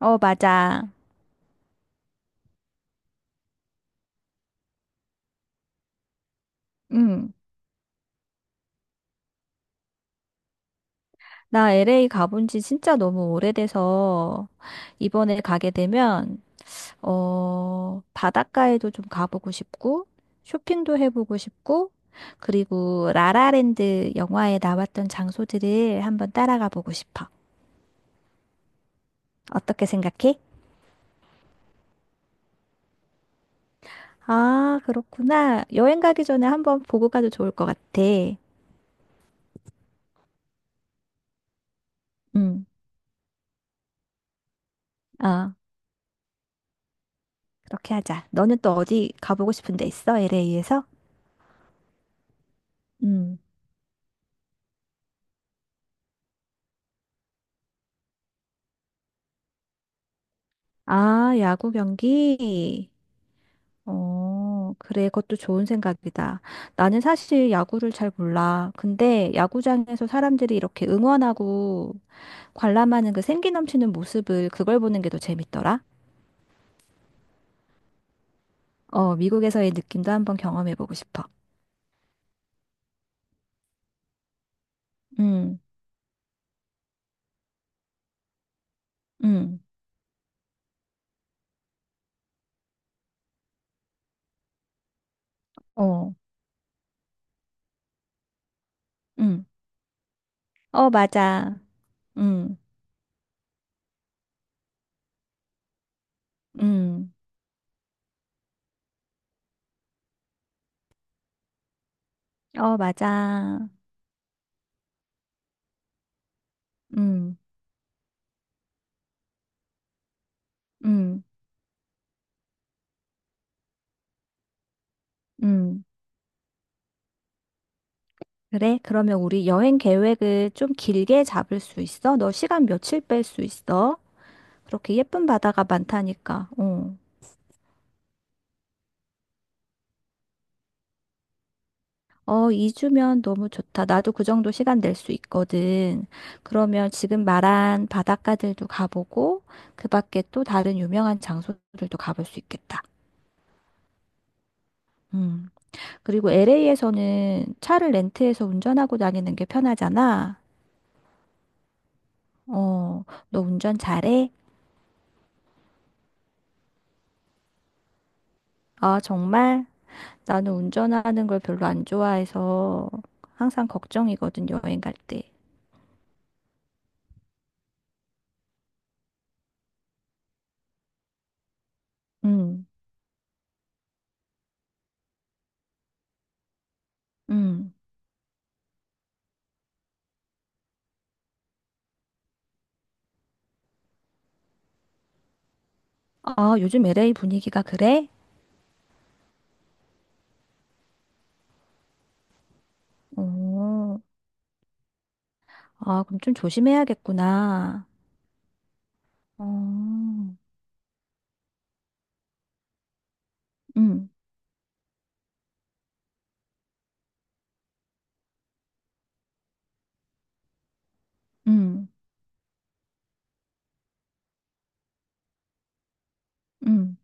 어, 맞아. 응. 나 LA 가본 지 진짜 너무 오래돼서 이번에 가게 되면, 어, 바닷가에도 좀 가보고 싶고, 쇼핑도 해보고 싶고, 그리고 라라랜드 영화에 나왔던 장소들을 한번 따라가 보고 싶어. 어떻게 생각해? 아, 그렇구나. 여행 가기 전에 한번 보고 가도 좋을 것 같아. 응. 어, 그렇게 하자. 너는 또 어디 가보고 싶은 데 있어? LA에서? 아, 야구 경기? 어, 그래, 그것도 좋은 생각이다. 나는 사실 야구를 잘 몰라. 근데 야구장에서 사람들이 이렇게 응원하고 관람하는 그 생기 넘치는 모습을 그걸 보는 게 더 재밌더라. 어, 미국에서의 느낌도 한번 경험해보고 싶어. 응, 응, 어, 응. 어, 맞아. 응, 응, 어, 맞아. 응, 응, 응. 그래, 그러면 우리 여행 계획을 좀 길게 잡을 수 있어? 너 시간 며칠 뺄 수 있어? 그렇게 예쁜 바다가 많다니까. 어. 어, 2주면 너무 좋다. 나도 그 정도 시간 낼 수 있거든. 그러면 지금 말한 바닷가들도 가보고, 그 밖에 또 다른 유명한 장소들도 가볼 수 있겠다. 음. 그리고 LA에서는 차를 렌트해서 운전하고 다니는 게 편하잖아. 어, 너 운전 잘해? 아, 정말? 나는 운전하는 걸 별로 안 좋아해서 항상 걱정이거든, 여행 갈 때. 음, 음. 아, 요즘 LA 분위기가 그래? 어, 아, 그럼 좀 조심해야겠구나. 어, 음, 음, 음.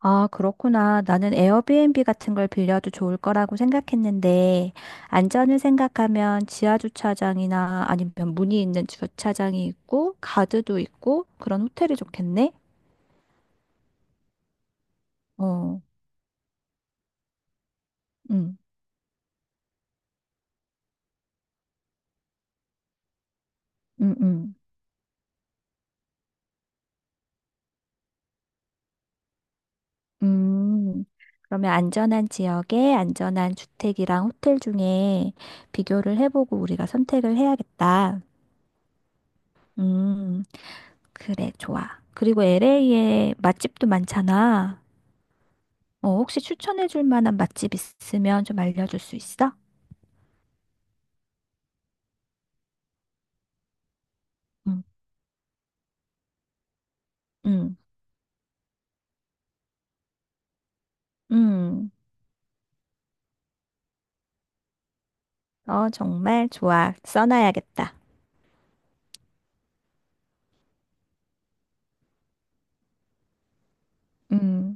아, 그렇구나. 나는 에어비앤비 같은 걸 빌려도 좋을 거라고 생각했는데, 안전을 생각하면 지하 주차장이나 아니면 문이 있는 주차장이 있고, 가드도 있고, 그런 호텔이 좋겠네? 어, 음. 음, 음. 음. 그러면 안전한 지역에 안전한 주택이랑 호텔 중에 비교를 해보고 우리가 선택을 해야겠다. 음, 그래, 좋아. 그리고 LA에 맛집도 많잖아. 어, 혹시 추천해줄 만한 맛집 있으면 좀 알려줄 수 있어? 응응응. 어, 정말 좋아. 써놔야겠다. 응응응.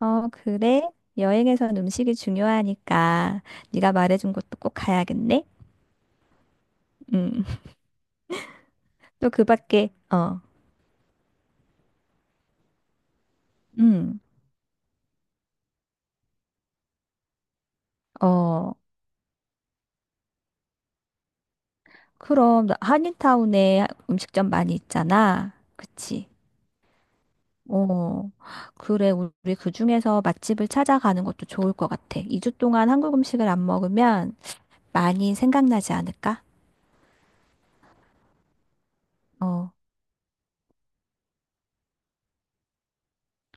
어, 그래. 여행에선 음식이 중요하니까 네가 말해준 곳도 꼭 가야겠네. 음. 또 그 밖에, 어, 음, 어, 그럼, 한인타운에 음식점 많이 있잖아. 그치? 어, 그래. 우리 그 중에서 맛집을 찾아가는 것도 좋을 것 같아. 2주 동안 한국 음식을 안 먹으면 많이 생각나지 않을까? 어,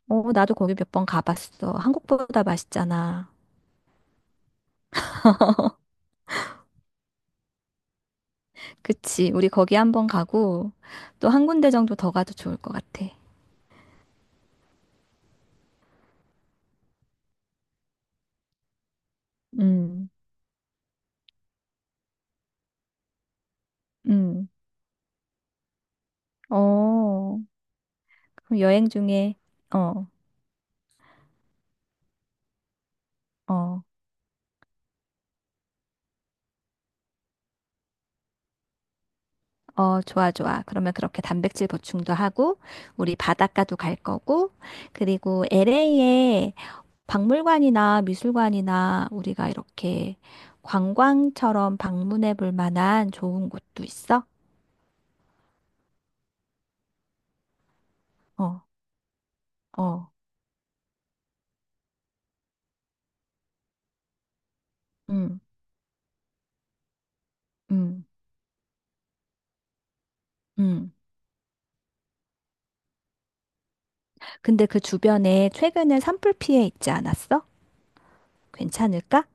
어, 나도 거기 몇 번 가봤어. 한국보다 맛있잖아. 그치? 우리 거기 한번 가고, 또 한 군데 정도 더 가도 좋을 것 같아. 음, 음, 어, 그럼 여행 중에, 어, 어, 어, 좋아, 좋아. 그러면 그렇게 단백질 보충도 하고, 우리 바닷가도 갈 거고, 그리고 LA에 박물관이나 미술관이나 우리가 이렇게 관광처럼 방문해 볼 만한 좋은 곳도 있어? 어, 어, 음, 음, 음. 근데 그 주변에 최근에 산불 피해 있지 않았어? 괜찮을까?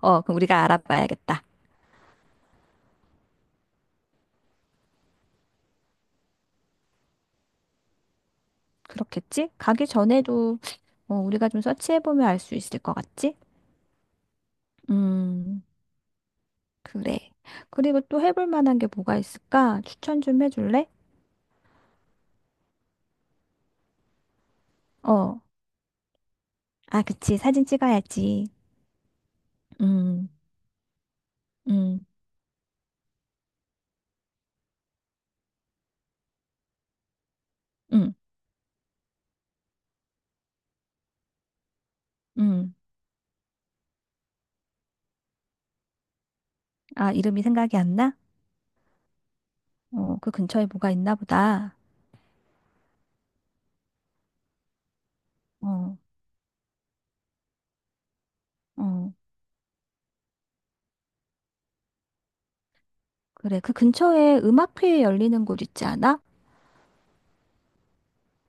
어, 그럼 우리가 알아봐야겠다. 그렇겠지? 가기 전에도 어, 우리가 좀 서치해 보면 알 수 있을 것 같지? 음. 그래. 그리고 또 해볼 만한 게 뭐가 있을까? 추천 좀 해줄래? 어. 아, 그치. 사진 찍어야지. 음, 음, 음, 음. 아, 이름이 생각이 안 나? 어, 그 근처에 뭐가 있나 보다. 어, 어. 그래. 그 근처에 음악회 열리는 곳 있지 않아?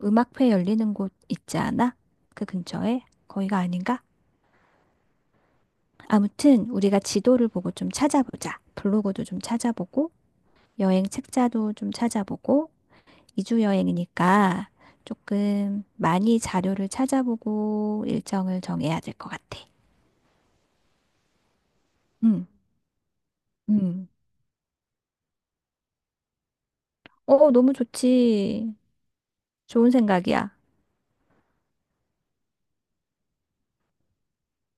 음악회 열리는 곳 있지 않아? 그 근처에? 거기가 아닌가? 아무튼 우리가 지도를 보고 좀 찾아보자. 블로그도 좀 찾아보고 여행 책자도 좀 찾아보고 2주 여행이니까 조금 많이 자료를 찾아보고 일정을 정해야 될 것 같아. 응, 응. 어, 너무 좋지. 좋은 생각이야.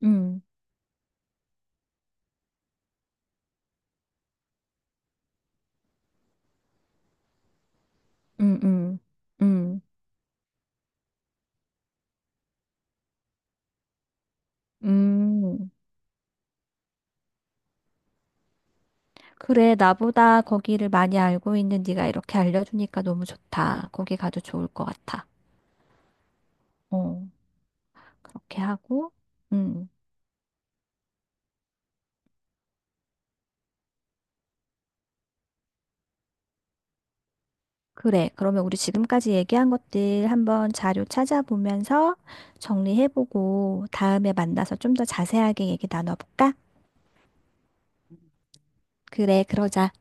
응, 응, 응, 응, 응. 그래, 나보다 거기를 많이 알고 있는 네가 이렇게 알려주니까 너무 좋다. 거기 가도 좋을 것 같아. 어, 그렇게 하고, 응. 그래. 그러면 우리 지금까지 얘기한 것들 한번 자료 찾아보면서 정리해보고 다음에 만나서 좀 더 자세하게 얘기 나눠볼까? 그래, 그러자.